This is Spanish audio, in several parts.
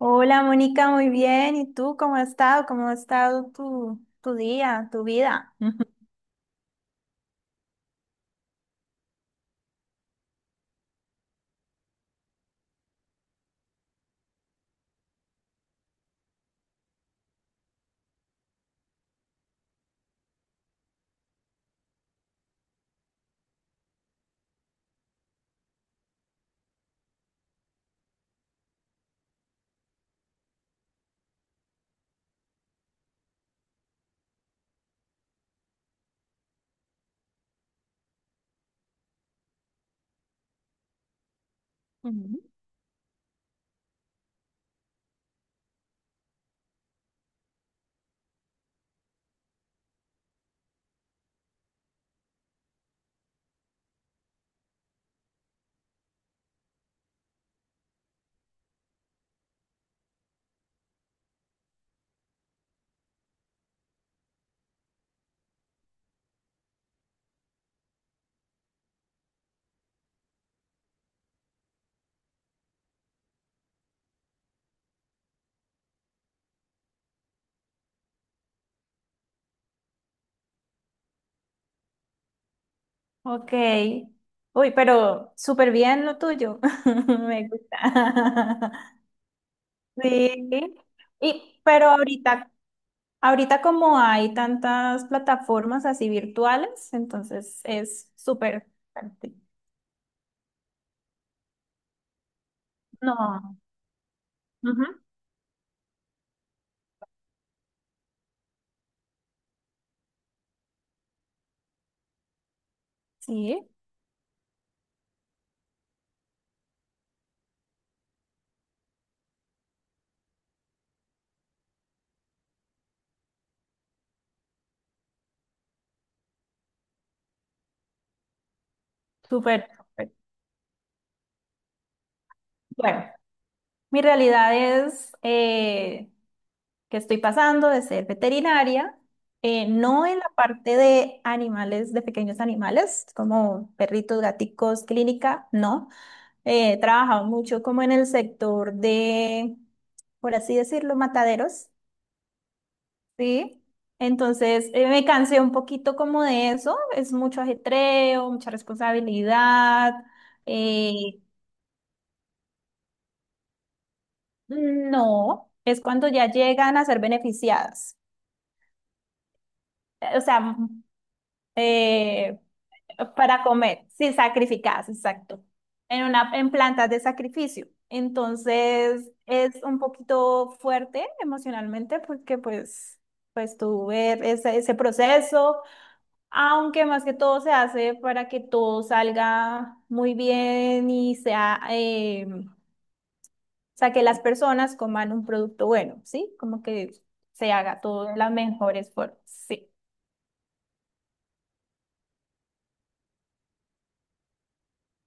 Hola Mónica, muy bien. ¿Y tú cómo has estado? ¿Cómo ha estado tu día, tu vida? Ujú. Ok. Uy, pero súper bien lo tuyo. Me gusta. Sí. Y, pero ahorita, ahorita como hay tantas plataformas así virtuales, entonces es súper práctico. No. Ujú. Sí, súper, súper. Bueno, mi realidad es que estoy pasando de ser veterinaria, no en la parte de animales, de pequeños animales, como perritos, gaticos, clínica, no. He trabajado mucho como en el sector de, por así decirlo, mataderos, ¿sí? Entonces, me cansé un poquito como de eso, es mucho ajetreo, mucha responsabilidad. eh, no, es cuando ya llegan a ser beneficiadas. O sea, eh, para comer, sí, sacrificadas, exacto. En una, en plantas de sacrificio. Entonces, es un poquito fuerte emocionalmente porque pues, pues tú ver ese proceso, aunque más que todo se hace para que todo salga muy bien y sea, o sea, que las personas coman un producto bueno, ¿sí? Como que se haga todo de las mejores formas, sí.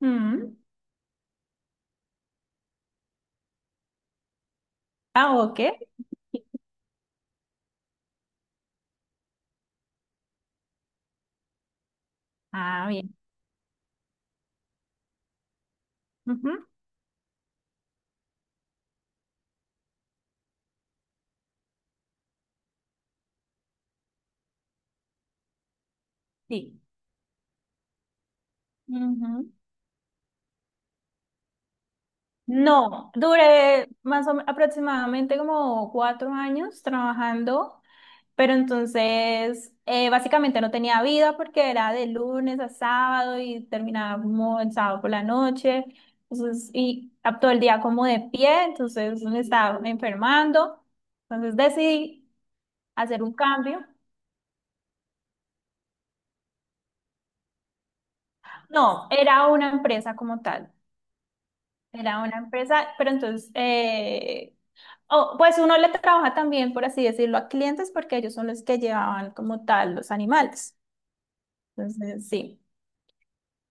Mm. Ah, ok. Ah, bien. Ujú. Sí. Ujú. No, duré más aproximadamente como cuatro años trabajando, pero entonces básicamente no tenía vida porque era de lunes a sábado y terminaba como el sábado por la noche, entonces, todo el día como de pie, entonces me estaba enfermando, entonces decidí hacer un cambio. No, era una empresa como tal. Era una empresa, pero entonces, oh, pues uno le trabaja también, por así decirlo, a clientes porque ellos son los que llevaban como tal los animales. Entonces, sí.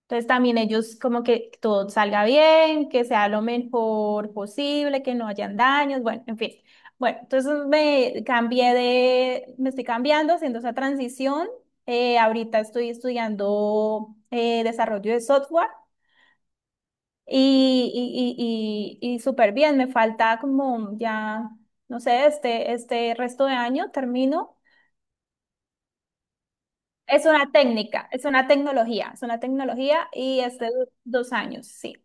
Entonces también ellos como que todo salga bien, que sea lo mejor posible, que no hayan daños, bueno, en fin. Bueno, entonces me cambié de, me estoy cambiando, haciendo esa transición. Ahorita estoy estudiando desarrollo de software. Y, y súper bien, me falta como ya, no sé, este resto de año termino. Es una técnica, es una tecnología y es de dos años, sí.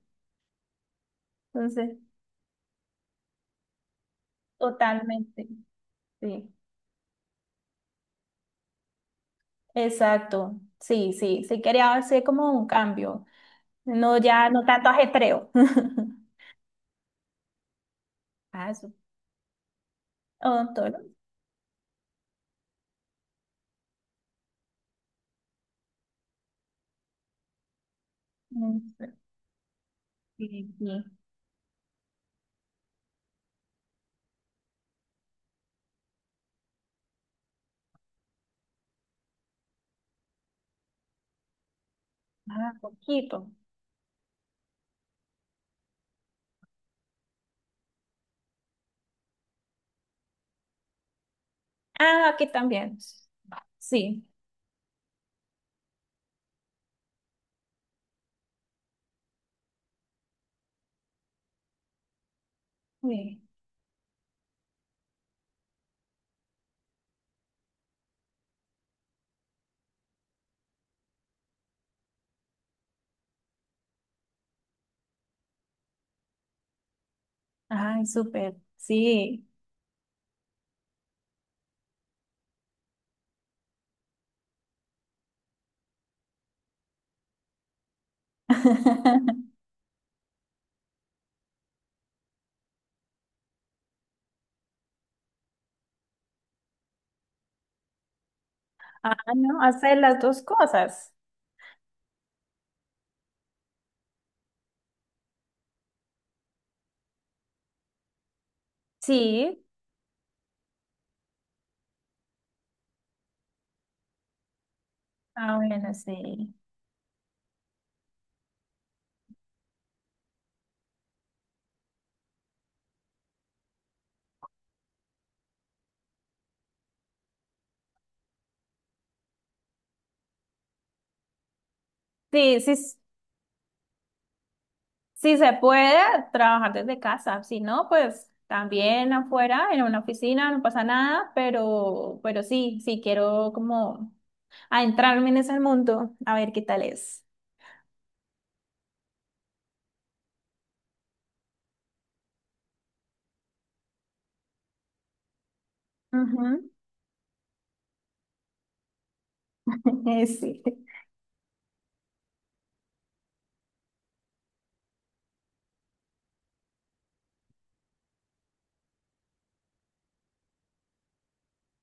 Entonces, totalmente, sí. Exacto, sí, sí, sí quería hacer como un cambio, no ya, no tanto ajetreo. Ah, eso. Odontólogo. Mm. Sí, sí. Ah, poquito. Ah, aquí también. Sí, sí. Ay, súper, sí. Ah, no, hacer las dos cosas. Sí. Ah, bueno, sí. Sí, sí, s- sí se puede trabajar desde casa. Si no, pues también afuera, en una oficina, no pasa nada, pero sí, sí quiero como adentrarme en ese mundo, a ver qué tal es. Ujú. Sí.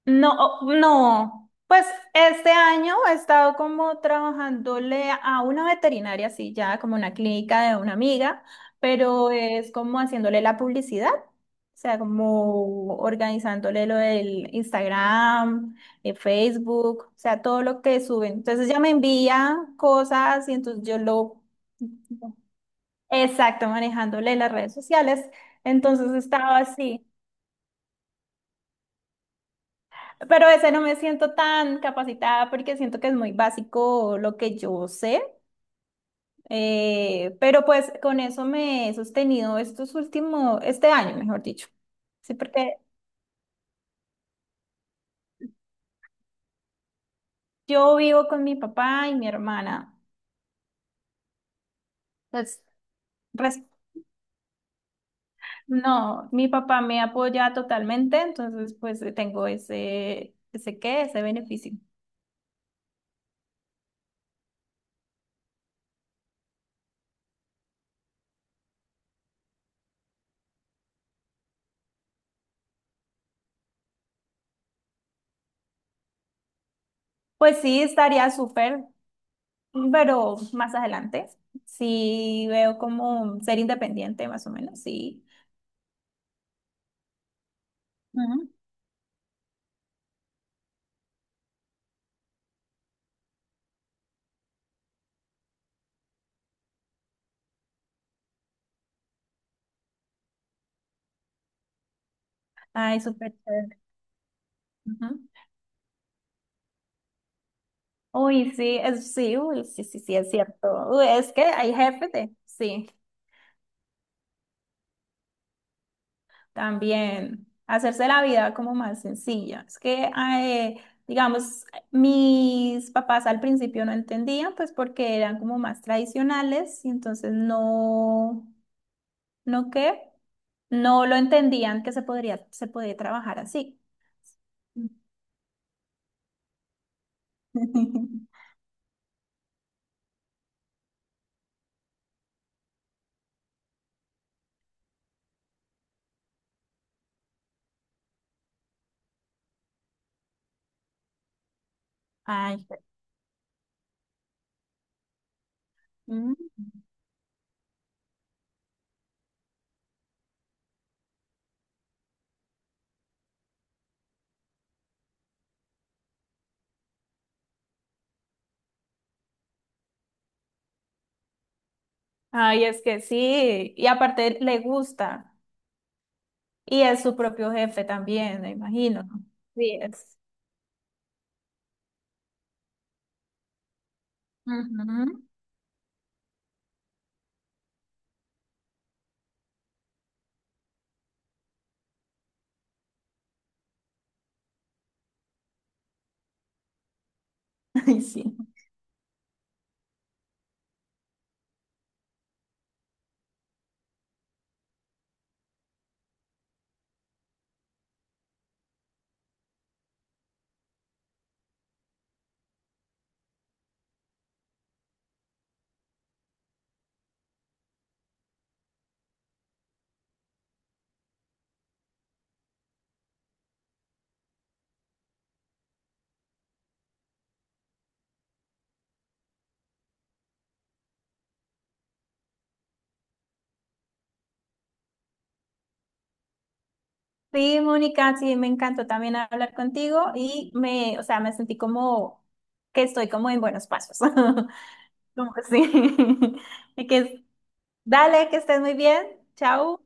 No, oh, no. Pues este año he estado como trabajándole a una veterinaria, sí, ya como una clínica de una amiga, pero es como haciéndole la publicidad, o sea, como organizándole lo del Instagram, Facebook, o sea, todo lo que suben. Entonces ya me envía cosas y entonces yo lo... Exacto, manejándole las redes sociales. Entonces estaba así. Pero ese no me siento tan capacitada porque siento que es muy básico lo que yo sé. Pero pues con eso me he sostenido estos últimos, este año, mejor dicho. Sí, porque yo vivo con mi papá y mi hermana. Pues, res- no, mi papá me apoya totalmente, entonces pues tengo ese qué, ese beneficio. Pues sí, estaría súper, pero más adelante. Sí, veo como ser independiente, más o menos, sí. Ay, súper chévere. Ujú. Uy, sí, es, sí, uy, sí, sí, sí, es cierto. Uy, es que hay jefes de, sí, también hacerse la vida como más sencilla. Es que, digamos, mis papás al principio no entendían, pues porque eran como más tradicionales y entonces no, ¿no qué? No lo entendían que se se podía trabajar así. Ay. Mm. Ay, es que sí, y aparte le gusta. Y es su propio jefe también, me imagino. Sí es. Ujú. Ay, sí. Sí, Mónica, sí, me encantó también hablar contigo y me, o sea, me sentí como que estoy como en buenos pasos. Como así. Y que dale, que estés muy bien. Chao.